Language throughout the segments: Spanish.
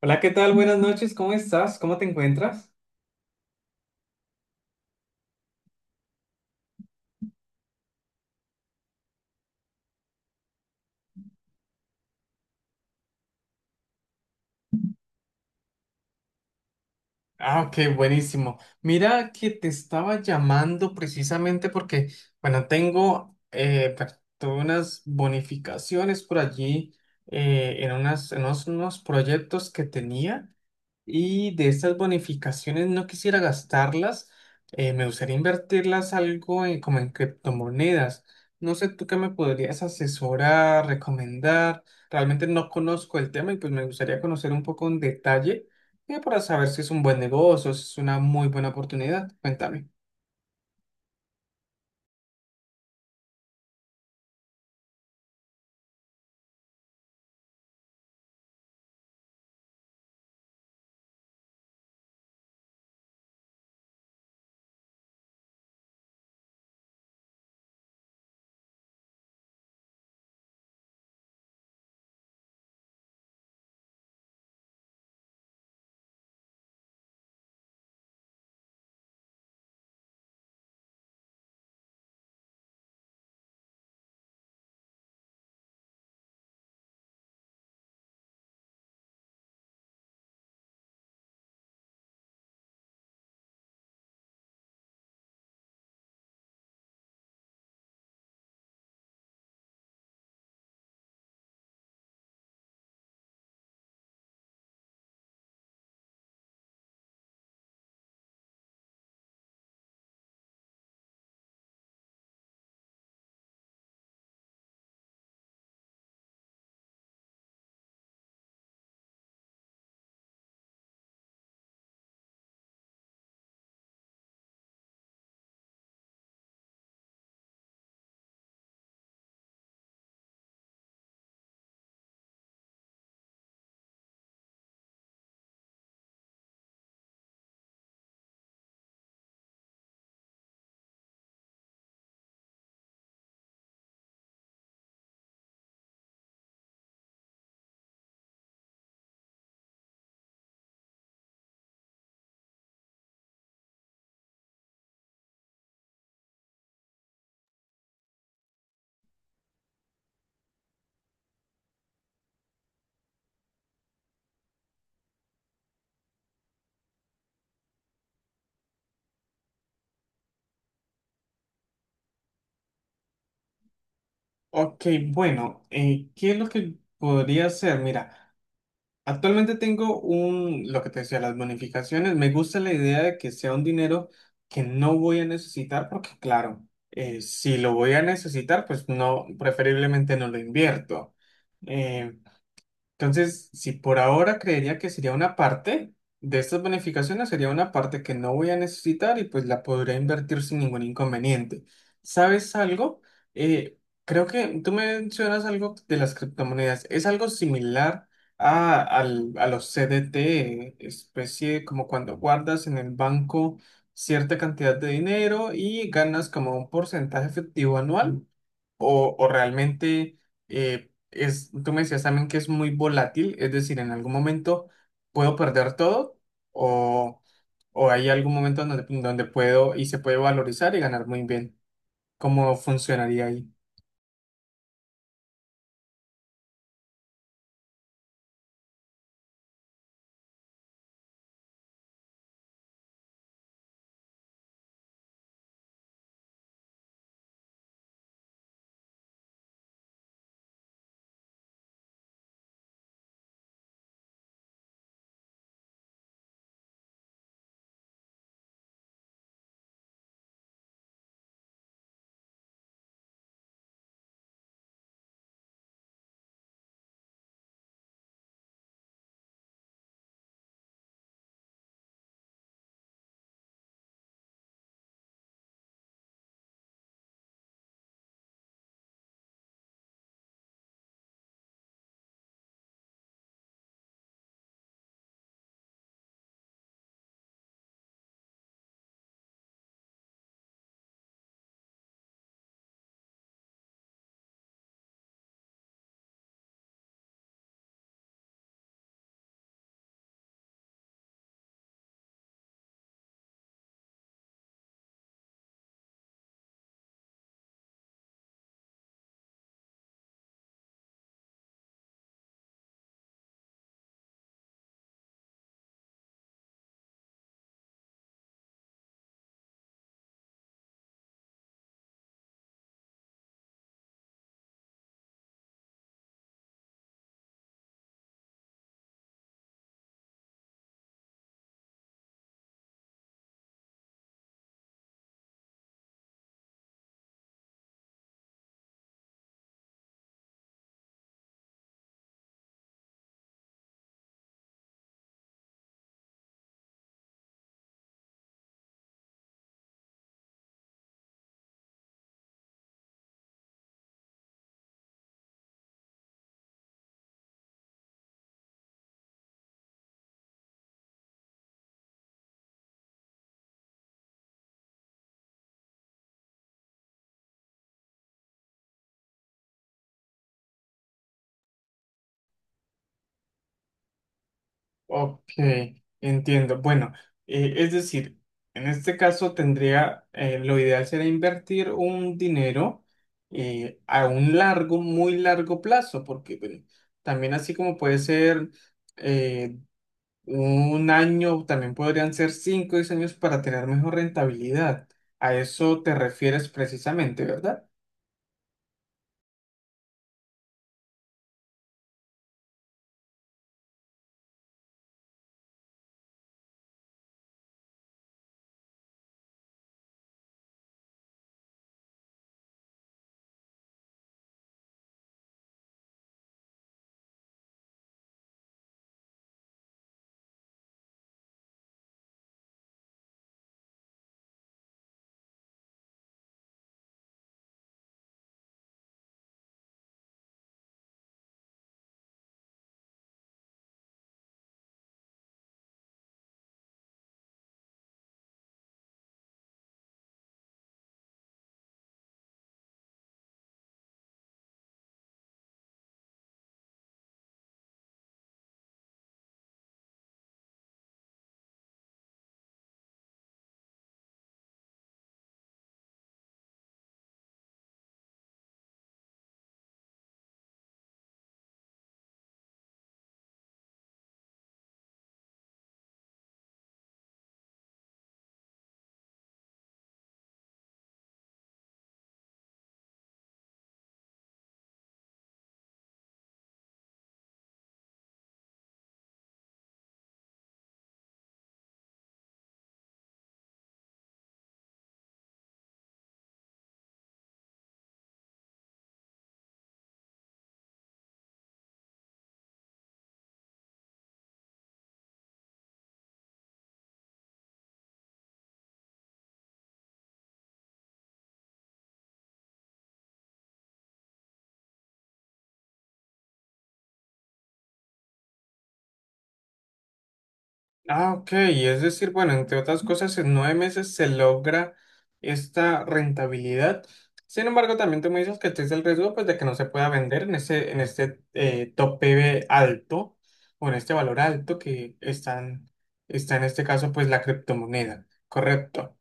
Hola, ¿qué tal? Buenas noches, ¿cómo estás? ¿Cómo te encuentras? Ah, ok, buenísimo. Mira que te estaba llamando precisamente porque, bueno, tengo pues, tuve unas bonificaciones por allí en unas, unos proyectos que tenía. Y de estas bonificaciones no quisiera gastarlas, me gustaría invertirlas algo en- como en criptomonedas. No sé tú qué me podrías asesorar, recomendar. Realmente no conozco el tema y pues me gustaría conocer un poco en detalle, para saber si es un buen negocio, si es una muy buena oportunidad. Cuéntame. Ok, bueno, ¿qué es lo que podría hacer? Mira. Actualmente tengo un, lo que te decía, las bonificaciones. Me gusta la idea de que sea un dinero que no voy a necesitar porque, claro, si lo voy a necesitar, pues no, preferiblemente no lo invierto. Eh, entonces, si por ahora creería que sería una parte de estas bonificaciones, sería una parte que no voy a necesitar y pues la podría invertir sin ningún inconveniente. ¿Sabes algo? Eh, creo que tú mencionas algo de las criptomonedas. Es algo similar a, al- a los CDT, especie como cuando guardas en el banco cierta cantidad de dinero y ganas como un porcentaje efectivo anual o realmente es, tú me decías también que es muy volátil, es decir, en algún momento puedo perder todo o, o hay algún momento donde, donde puedo y se puede valorizar y ganar muy bien. ¿Cómo funcionaría ahí? Ok, entiendo. Bueno, es decir, en este caso tendría, lo ideal sería invertir un dinero a un largo, muy largo plazo, porque bueno, también así como puede ser... eh, un año, también podrían ser cinco o diez años para tener mejor rentabilidad. A eso te refieres precisamente, ¿verdad? Ah, ok. Es decir, bueno, entre otras cosas, en nueve meses se logra esta rentabilidad. Sin embargo, también tú me dices que existe el riesgo, pues, de que no se pueda vender en ese, en este tope alto o en este valor alto que están, está en este caso, pues la criptomoneda. Correcto.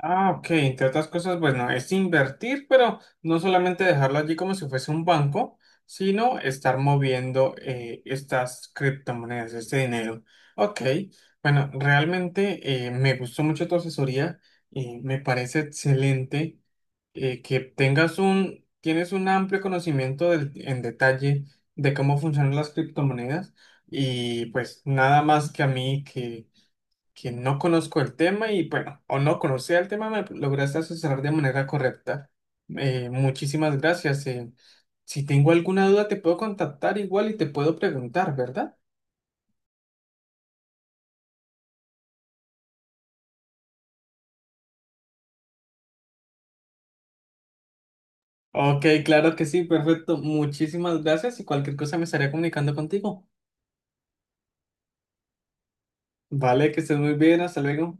Ah, ok, entre otras cosas, bueno, es invertir, pero no solamente dejarlo allí como si fuese un banco, sino estar moviendo estas criptomonedas, este dinero. Ok, bueno, realmente me gustó mucho tu asesoría y me parece excelente que tengas un, tienes un amplio conocimiento del- en detalle de cómo funcionan las criptomonedas y pues nada más que a mí que no conozco el tema y bueno, o no conocía el tema, me lograste asesorar de manera correcta. Muchísimas gracias. Si tengo alguna duda, te puedo contactar igual y te puedo preguntar, ¿verdad? Ok, claro que sí, perfecto. Muchísimas gracias y cualquier cosa me estaré comunicando contigo. Vale, que estés muy bien, hasta luego.